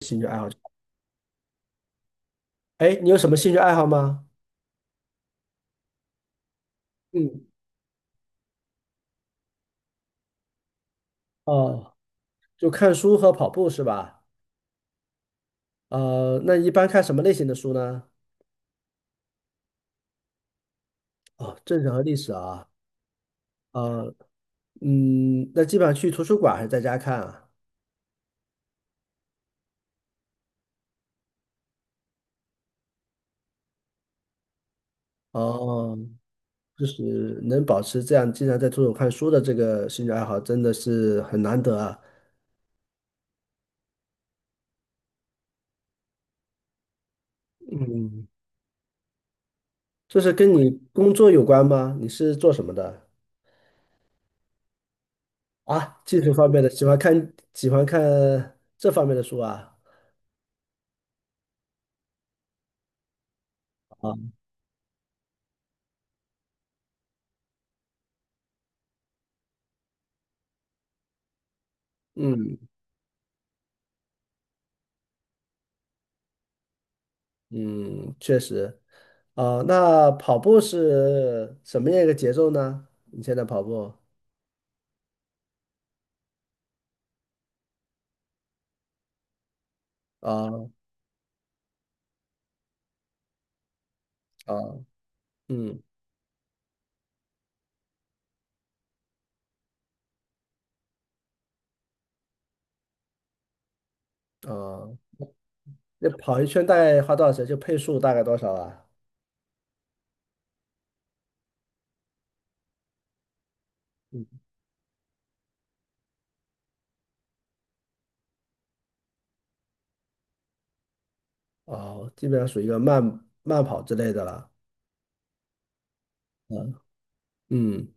兴趣爱好。哎，你有什么兴趣爱好吗？嗯，哦，就看书和跑步是吧？那一般看什么类型的书呢？哦，政治和历史啊。呃，嗯，那基本上去图书馆还是在家看啊？哦，就是能保持这样经常在图书馆看书的这个兴趣爱好，真的是很难得啊。嗯，这是跟你工作有关吗？你是做什么的？啊，技术方面的，喜欢看这方面的书啊。啊，嗯。嗯，确实啊，那跑步是什么样一个节奏呢？你现在跑步啊啊，嗯啊，那跑一圈大概花多少时间？就配速大概多少啊？哦，基本上属于一个慢跑之类的了。嗯，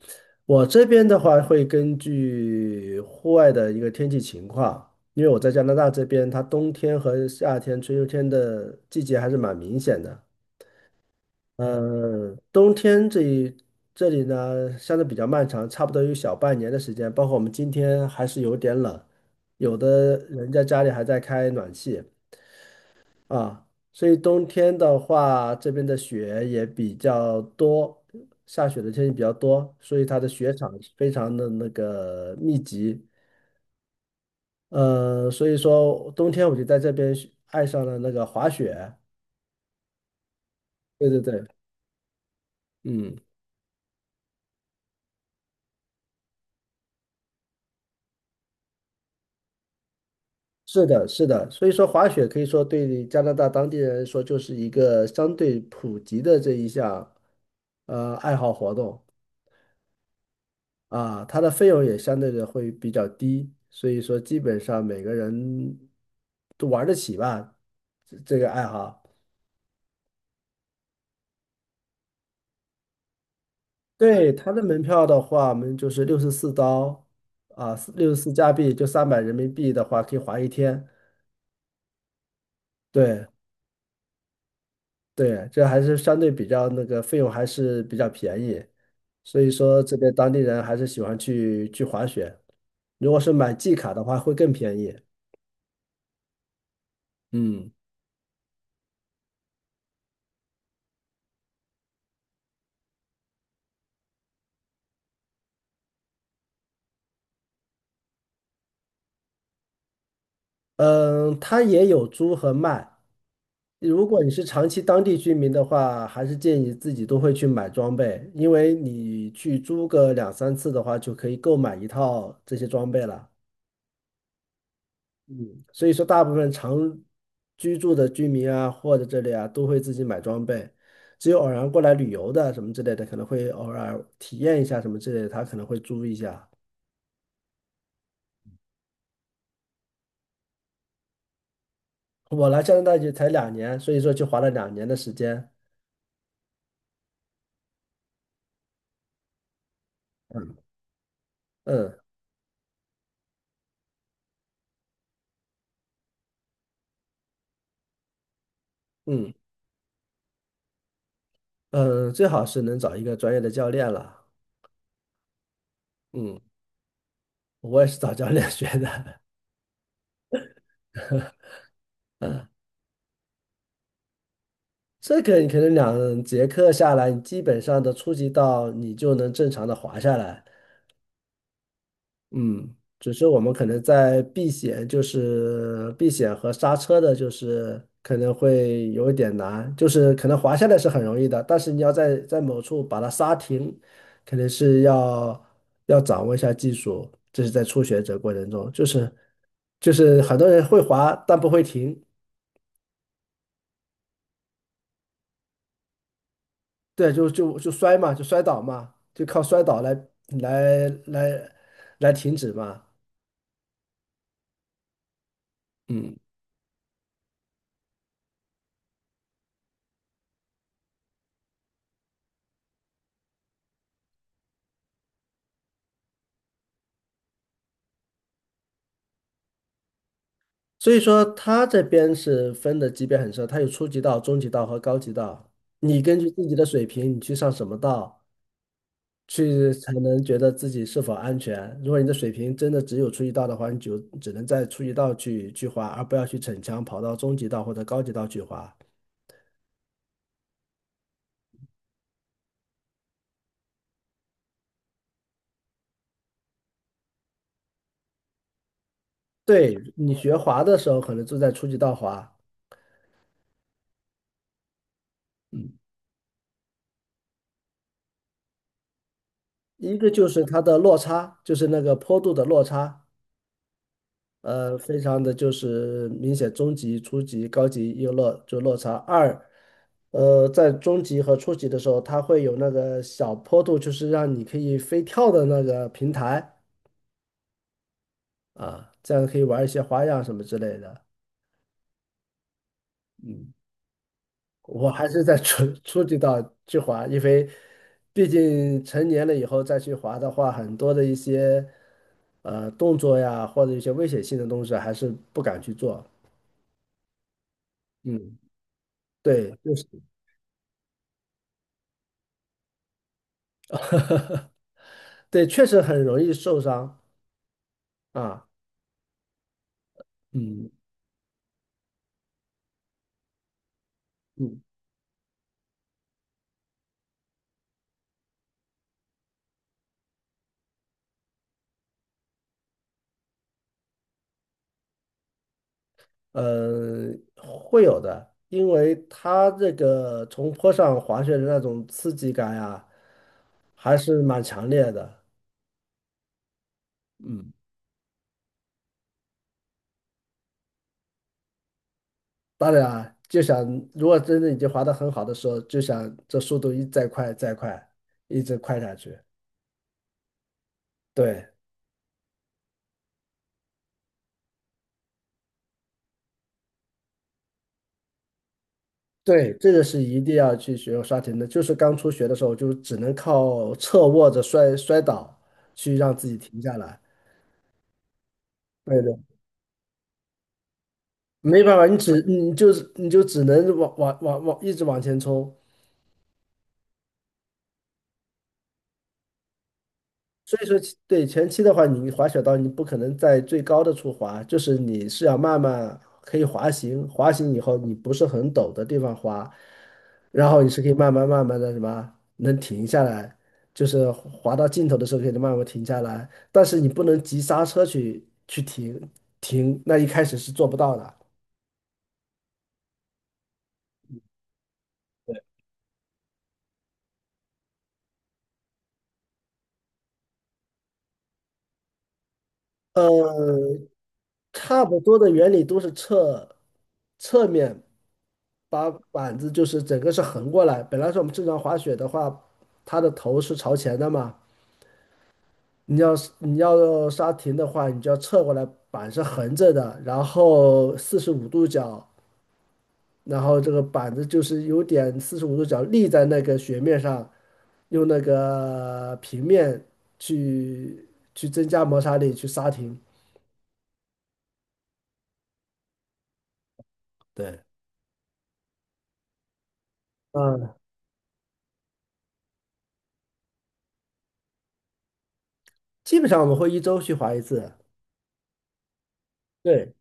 我这边的话会根据户外的一个天气情况，因为我在加拿大这边，它冬天和夏天、春秋天的季节还是蛮明显的。冬天这里呢，相对比较漫长，差不多有小半年的时间。包括我们今天还是有点冷，有的人家家里还在开暖气啊。所以冬天的话，这边的雪也比较多，下雪的天气比较多，所以它的雪场非常的那个密集。所以说冬天我就在这边学爱上了那个滑雪。对对对，嗯。是的，是的，所以说滑雪可以说对加拿大当地人来说就是一个相对普及的这一项爱好活动啊，它的费用也相对的会比较低，所以说基本上每个人都玩得起吧，这个爱好。对，它的门票的话，我们就是64刀啊，64加币就300人民币的话，可以滑一天。对，对，这还是相对比较那个费用还是比较便宜，所以说这边当地人还是喜欢去滑雪。如果是买季卡的话，会更便宜。嗯嗯，它也有租和卖。如果你是长期当地居民的话，还是建议自己都会去买装备，因为你去租个两三次的话，就可以购买一套这些装备了。嗯，所以说大部分常居住的居民啊，或者这里啊，都会自己买装备。只有偶然过来旅游的什么之类的，可能会偶尔体验一下什么之类的，他可能会租一下。我来加拿大就才两年，所以说就花了两年的时间。嗯嗯嗯，最好是能找一个专业的教练了。嗯，我也是找教练 学的。这个你可能2节课下来，你基本上的初级道你就能正常的滑下来。嗯，只是我们可能在避险，就是避险和刹车的，就是可能会有一点难，就是可能滑下来是很容易的，但是你要在某处把它刹停，可能是要掌握一下技术，这是在初学者过程中，就是很多人会滑，但不会停，对，就摔嘛，就摔倒嘛，就靠摔倒来来来来停止嘛，嗯所以说他这边是分的级别很深，它有初级道、中级道和高级道。你根据自己的水平，你去上什么道，去才能觉得自己是否安全。如果你的水平真的只有初级道的话，你就只能在初级道去滑，而不要去逞强跑到中级道或者高级道去滑。对，你学滑的时候，可能就在初级道滑，一个就是它的落差，就是那个坡度的落差，非常的就是明显，中级、初级、高级有落就落差。二，在中级和初级的时候，它会有那个小坡度，就是让你可以飞跳的那个平台啊，这样可以玩一些花样什么之类的。嗯，我还是在初级道去滑，因为毕竟成年了以后再去滑的话，很多的一些动作呀，或者一些危险性的东西，还是不敢去做。嗯，对。对，确实很容易受伤啊，嗯嗯呃，会有的，因为它这个从坡上滑雪的那种刺激感呀，还是蛮强烈的。嗯，当然啊，就想如果真的已经滑得很好的时候，就想这速度一再快再快，一直快下去。对对，这个是一定要去学刷停的。就是刚初学的时候，就只能靠侧卧着摔倒去让自己停下来。对对没办法，你就是你就只能往一直往前冲。所以说其对前期的话，你滑雪道你不可能在最高的处滑，就是你是要慢慢可以滑行，滑行以后你不是很陡的地方滑，然后你是可以慢慢慢慢的什么能停下来，就是滑到尽头的时候可以慢慢停下来，但是你不能急刹车去停，那一开始是做不到的。呃，差不多的原理都是侧面。把板子就是整个是横过来。本来是我们正常滑雪的话，它的头是朝前的嘛，你要刹停的话，你就要侧过来，板是横着的，然后四十五度角，然后这个板子就是有点四十五度角立在那个雪面上，用那个平面去去增加摩擦力去刹停。对，嗯，基本上我们会一周去滑一次。对。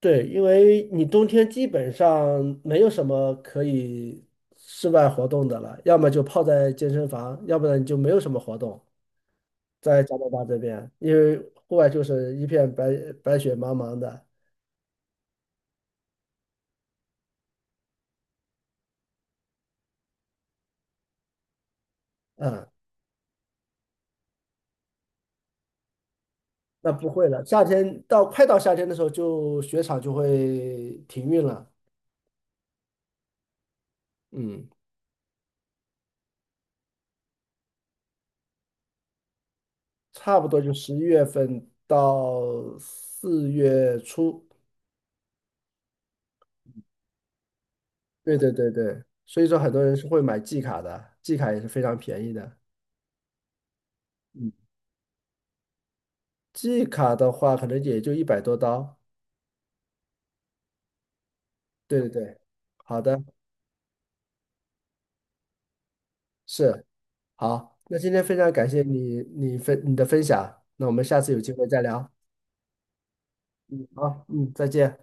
对，因为你冬天基本上没有什么可以室外活动的了，要么就泡在健身房，要不然你就没有什么活动。在加拿大这边，因为户外就是一片白雪茫茫的，嗯，那不会了。夏天到快到夏天的时候就，雪场就会停运了，嗯，差不多就11月份到4月初。对对对对，所以说很多人是会买季卡的，季卡也是非常便宜的。嗯。季卡的话，可能也就100多刀。对对对，好的，是好。那今天非常感谢你，你的分享。那我们下次有机会再聊。好，嗯，再见。